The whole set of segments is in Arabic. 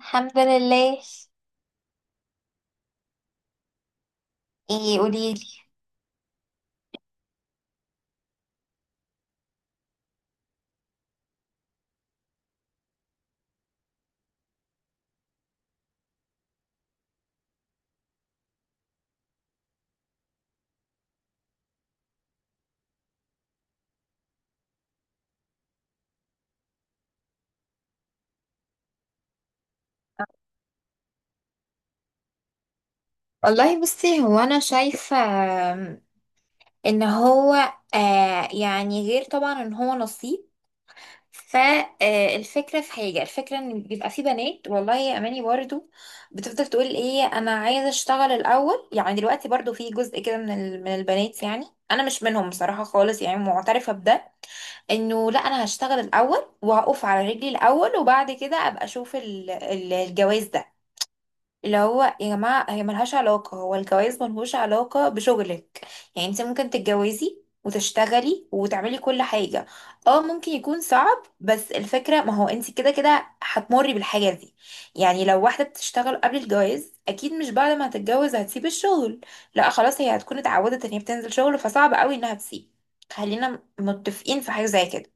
الحمد لله. ايه؟ قوليلي. والله بصي، هو انا شايفه آم، ان هو يعني، غير طبعا ان هو نصيب. فالفكره في حاجه، الفكره ان بيبقى في بنات، والله يا اماني، برضو بتفضل تقول: ايه، انا عايزه اشتغل الاول. يعني دلوقتي برضو في جزء كده من البنات، يعني انا مش منهم بصراحه خالص، يعني معترفه بده. انه لا، انا هشتغل الاول وهقف على رجلي الاول، وبعد كده ابقى اشوف الجواز ده، اللي هو يا جماعة، هي ملهاش علاقة، هو الجواز ملهوش علاقة بشغلك. يعني انت ممكن تتجوزي وتشتغلي وتعملي كل حاجة. اه، ممكن يكون صعب، بس الفكرة، ما هو انت كده كده هتمري بالحاجة دي. يعني لو واحدة بتشتغل قبل الجواز، اكيد مش بعد ما هتتجوز هتسيب الشغل. لا خلاص، هي هتكون اتعودت ان هي بتنزل شغل، فصعب قوي انها تسيب. خلينا متفقين في حاجة زي كده.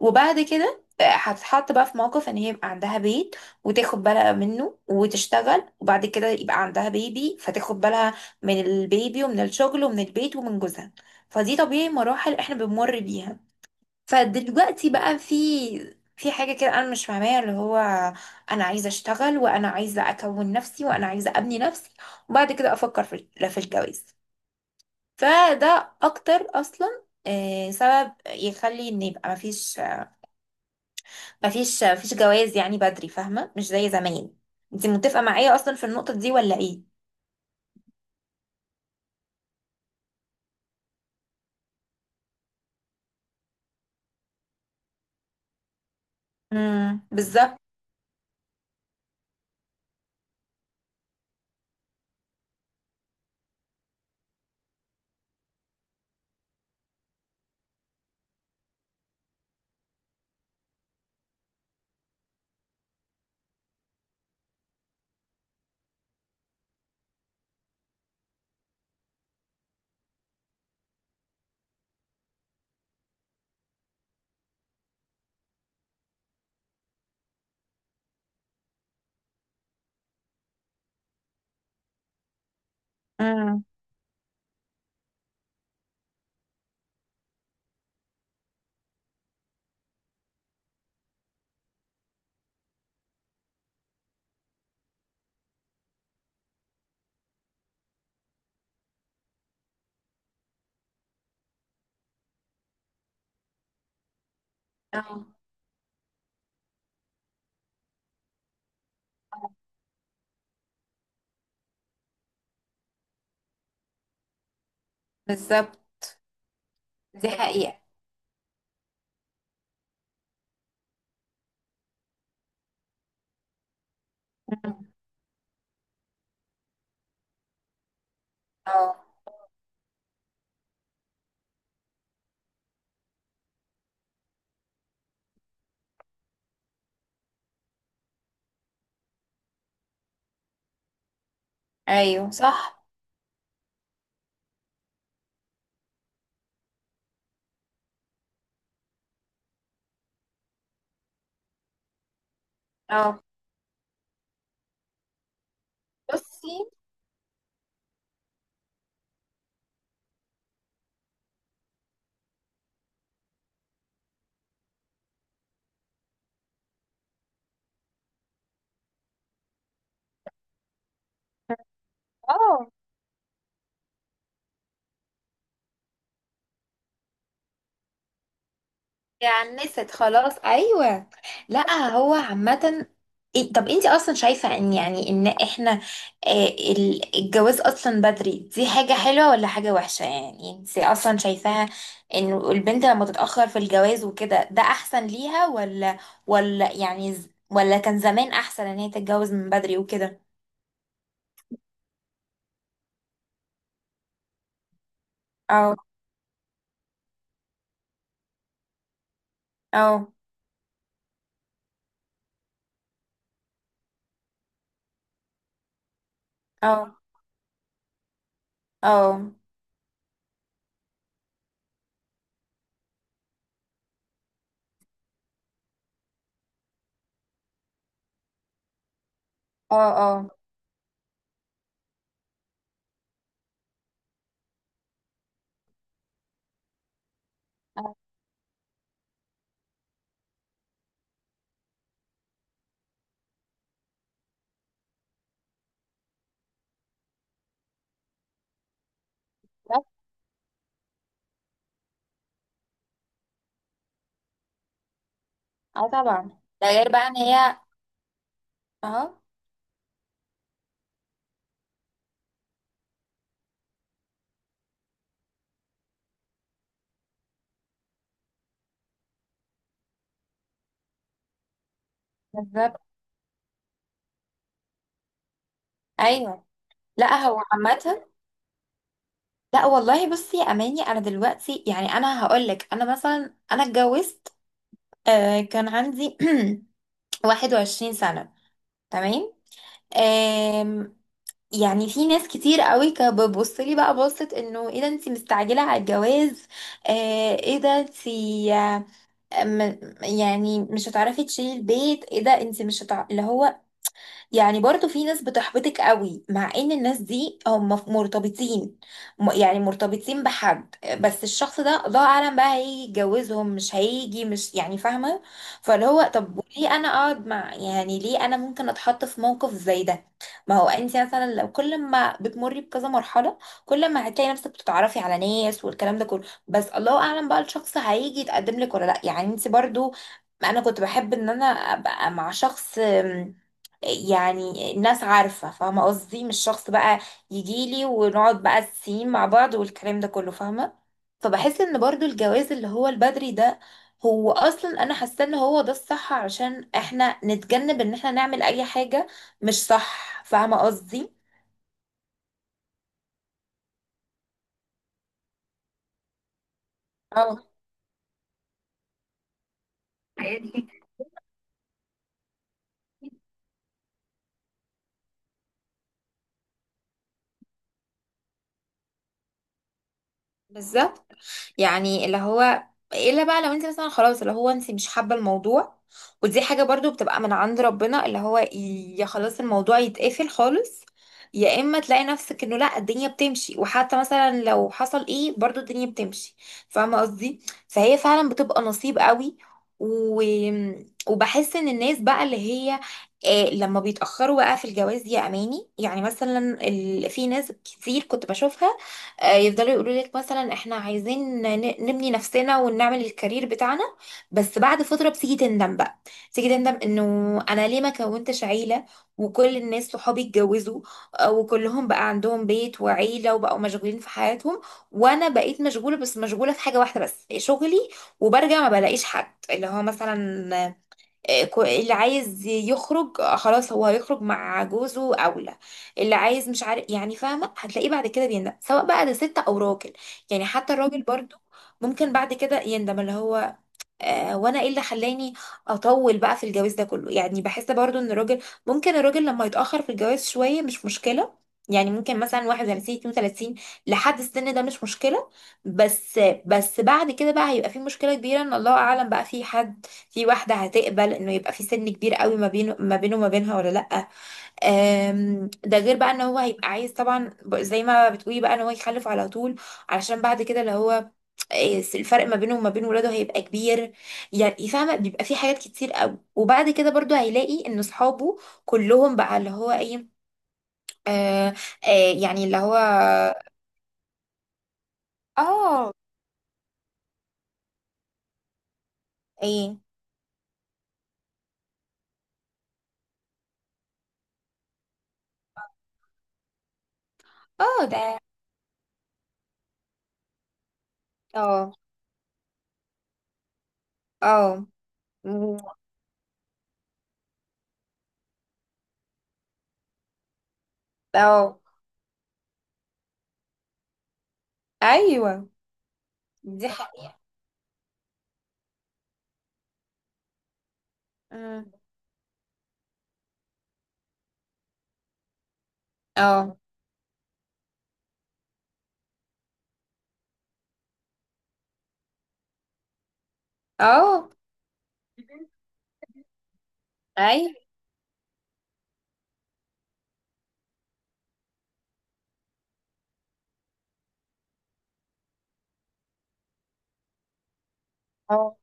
وبعد كده هتتحط بقى في موقف ان هي يبقى عندها بيت، وتاخد بالها منه وتشتغل، وبعد كده يبقى عندها بيبي فتاخد بالها من البيبي ومن الشغل ومن البيت ومن جوزها. فدي طبيعي، مراحل احنا بنمر بيها. فدلوقتي بقى في حاجة كده أنا مش فاهماها، اللي هو: أنا عايزة أشتغل، وأنا عايزة أكون نفسي، وأنا عايزة أبني نفسي، وبعد كده أفكر في، لا، في الجواز. فده أكتر أصلا سبب يخلي إن يبقى مفيش جواز، يعني بدري، فاهمة، مش زي زمان. انت متفقة معايا اصلا في النقطة دي ولا ايه؟ امم، بالظبط. امم. اه بالظبط، دي حقيقة. مم. اه ايوه صح. اه. بصي. اه. عنست خلاص، ايوه. لا هو عامه. طب انت اصلا شايفه ان احنا الجواز اصلا بدري، دي حاجه حلوه ولا حاجه وحشه؟ يعني انت اصلا شايفاها ان البنت لما تتاخر في الجواز وكده، ده احسن ليها، ولا، ولا كان زمان احسن ان هي تتجوز من بدري وكده؟ اه. اه. اه. اه. اه. اه. اه طبعا، ده غير بقى ان هي. اه. بالظبط. ايوه. لا هو عامة. لا والله، بصي يا اماني، انا دلوقتي، يعني انا هقولك، انا مثلا انا اتجوزت، كان عندي 21 سنة. تمام. آم، يعني في ناس كتير قوي كانت بتبص لي بقى، بصت انه: ايه ده انتي مستعجلة على الجواز؟ ايه ده انتي؟ آه، يعني مش هتعرفي تشيلي البيت؟ ايه ده انتي مش هتع... اللي هو، يعني برضو في ناس بتحبطك قوي، مع ان الناس دي هم مرتبطين. يعني مرتبطين بحد، بس الشخص ده الله اعلم بقى هيجي يتجوزهم مش هيجي، مش يعني، فاهمه. فاللي هو، طب ليه انا اقعد مع، يعني ليه انا ممكن اتحط في موقف زي ده؟ ما هو انت مثلا لو كل ما بتمري بكذا مرحله، كل ما هتلاقي نفسك بتتعرفي على ناس والكلام ده كله، بس الله اعلم بقى الشخص هيجي يتقدم لك ولا لا. يعني انت برضو، انا كنت بحب ان انا ابقى مع شخص، يعني الناس عارفة فاهمة قصدي، مش شخص بقى يجيلي ونقعد بقى السين مع بعض والكلام ده كله، فاهمة. فبحس ان برضو الجواز اللي هو البدري ده، هو اصلا انا حاسة ان هو ده الصح، علشان احنا نتجنب ان احنا نعمل اي حاجة مش صح، فاهمة قصدي. اه بالظبط. يعني اللي هو، الا بقى لو انت مثلا خلاص اللي هو انت مش حابه الموضوع، ودي حاجه برضو بتبقى من عند ربنا، اللي هو يا خلاص الموضوع يتقفل خالص، يا اما تلاقي نفسك انه لا، الدنيا بتمشي، وحتى مثلا لو حصل ايه برضو الدنيا بتمشي، فاهمه قصدي. فهي فعلا بتبقى نصيب قوي. و... وبحس ان الناس بقى اللي هي لما بيتأخروا بقى في الجواز، يا أماني يعني مثلا، في ناس كتير كنت بشوفها يفضلوا يقولوا لك: مثلا احنا عايزين نبني نفسنا ونعمل الكارير بتاعنا. بس بعد فترة بتيجي تندم بقى، تيجي تندم انه انا ليه ما كونتش عيلة، وكل الناس صحابي اتجوزوا، وكلهم بقى عندهم بيت وعيلة وبقوا مشغولين في حياتهم، وانا بقيت مشغولة، بس مشغولة في حاجة واحدة بس، شغلي. وبرجع ما بلاقيش حد، اللي هو مثلا اللي عايز يخرج، خلاص هو هيخرج مع جوزه اولى. اللي عايز مش عارف، يعني فاهمه، هتلاقيه بعد كده بيندم، سواء بقى ده ست او راجل. يعني حتى الراجل برضو ممكن بعد كده يندم، اللي هو وانا ايه اللي خلاني اطول بقى في الجواز ده كله. يعني بحس برضو ان الراجل ممكن، الراجل لما يتاخر في الجواز شويه مش مشكله، يعني ممكن مثلا 31 32، لحد السن ده مش مشكله. بس بس بعد كده بقى هيبقى في مشكله كبيره، ان الله اعلم بقى في حد، في واحده هتقبل انه يبقى في سن كبير قوي ما بينه، وما بينها، ولا لا. ده غير بقى ان هو هيبقى عايز طبعا، زي ما بتقولي بقى، ان هو يخلف على طول، علشان بعد كده اللي هو الفرق ما بينه وما بين ولاده هيبقى كبير. يعني فاهمه، بيبقى في حاجات كتير قوي، وبعد كده برضو هيلاقي ان اصحابه كلهم بقى اللي هو ايه. آه. آه، يعني اللي هو. اه. ايه. اه. ده. اه. اه. مم. اه ايوه، دي حقيقة. مم. اه. اه. ايوه. اه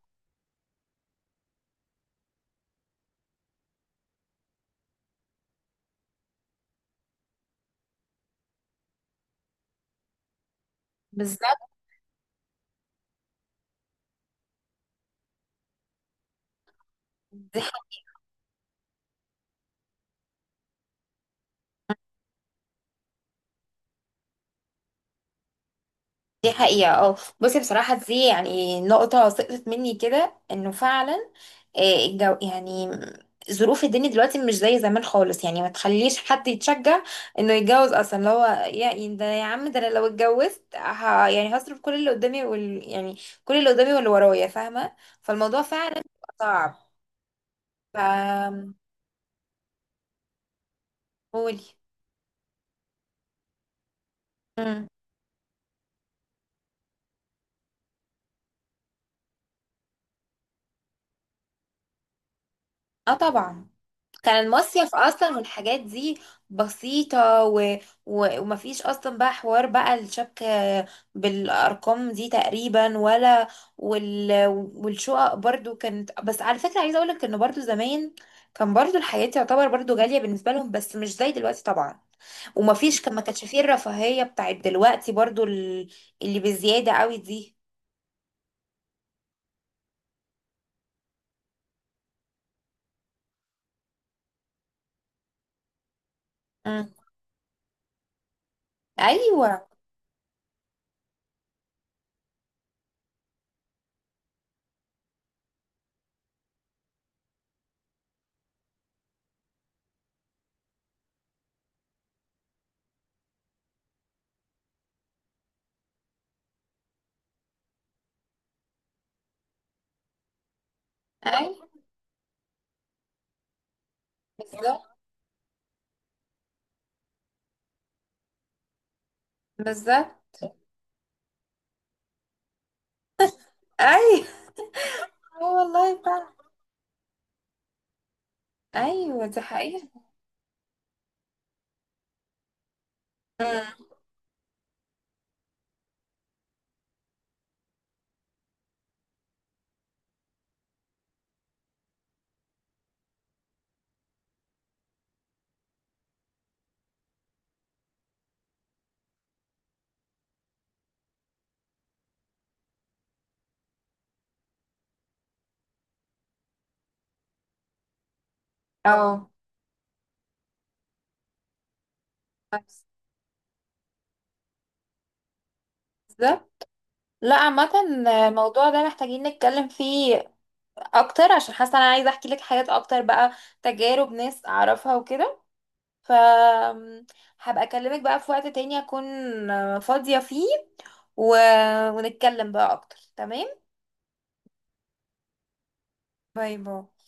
بالظبط، دي حقيقة. اه بصي، بصراحة دي يعني نقطة سقطت مني كده، انه فعلا الجو يعني، ظروف الدنيا دلوقتي مش زي زمان خالص، يعني ما تخليش حد يتشجع انه يتجوز اصلا، اللي هو يا يعني، ده يا عم، ده انا لو اتجوزت يعني هصرف كل اللي قدامي، يعني كل اللي قدامي واللي ورايا، فاهمة. فالموضوع فعلا بيبقى صعب. ف قولي. مم. اه طبعا. كان المصيف اصلا والحاجات دي بسيطة، ومفيش اصلا بقى حوار بقى، الشبك بالارقام دي تقريبا، ولا وال... والشقق برضو كانت. بس على فكرة، عايزة اقولك ان برضو زمان كان برضو الحياة تعتبر برضو غالية بالنسبة لهم، بس مش زي دلوقتي طبعا. ومفيش، ما كانش فيه الرفاهية بتاعت دلوقتي، برضو اللي بزيادة قوي دي. مم. ايوه. ايوه. بالظبط. بالظبط. ايوه. آه والله فعلا. ايوه دي حقيقة. اه بالظبط. لا عامة، الموضوع ده محتاجين نتكلم فيه اكتر، عشان حاسة انا عايزة احكي لك حاجات اكتر بقى، تجارب ناس اعرفها وكده. ف هبقى اكلمك بقى في وقت تاني اكون فاضية فيه، و... ونتكلم بقى اكتر. تمام. باي باي.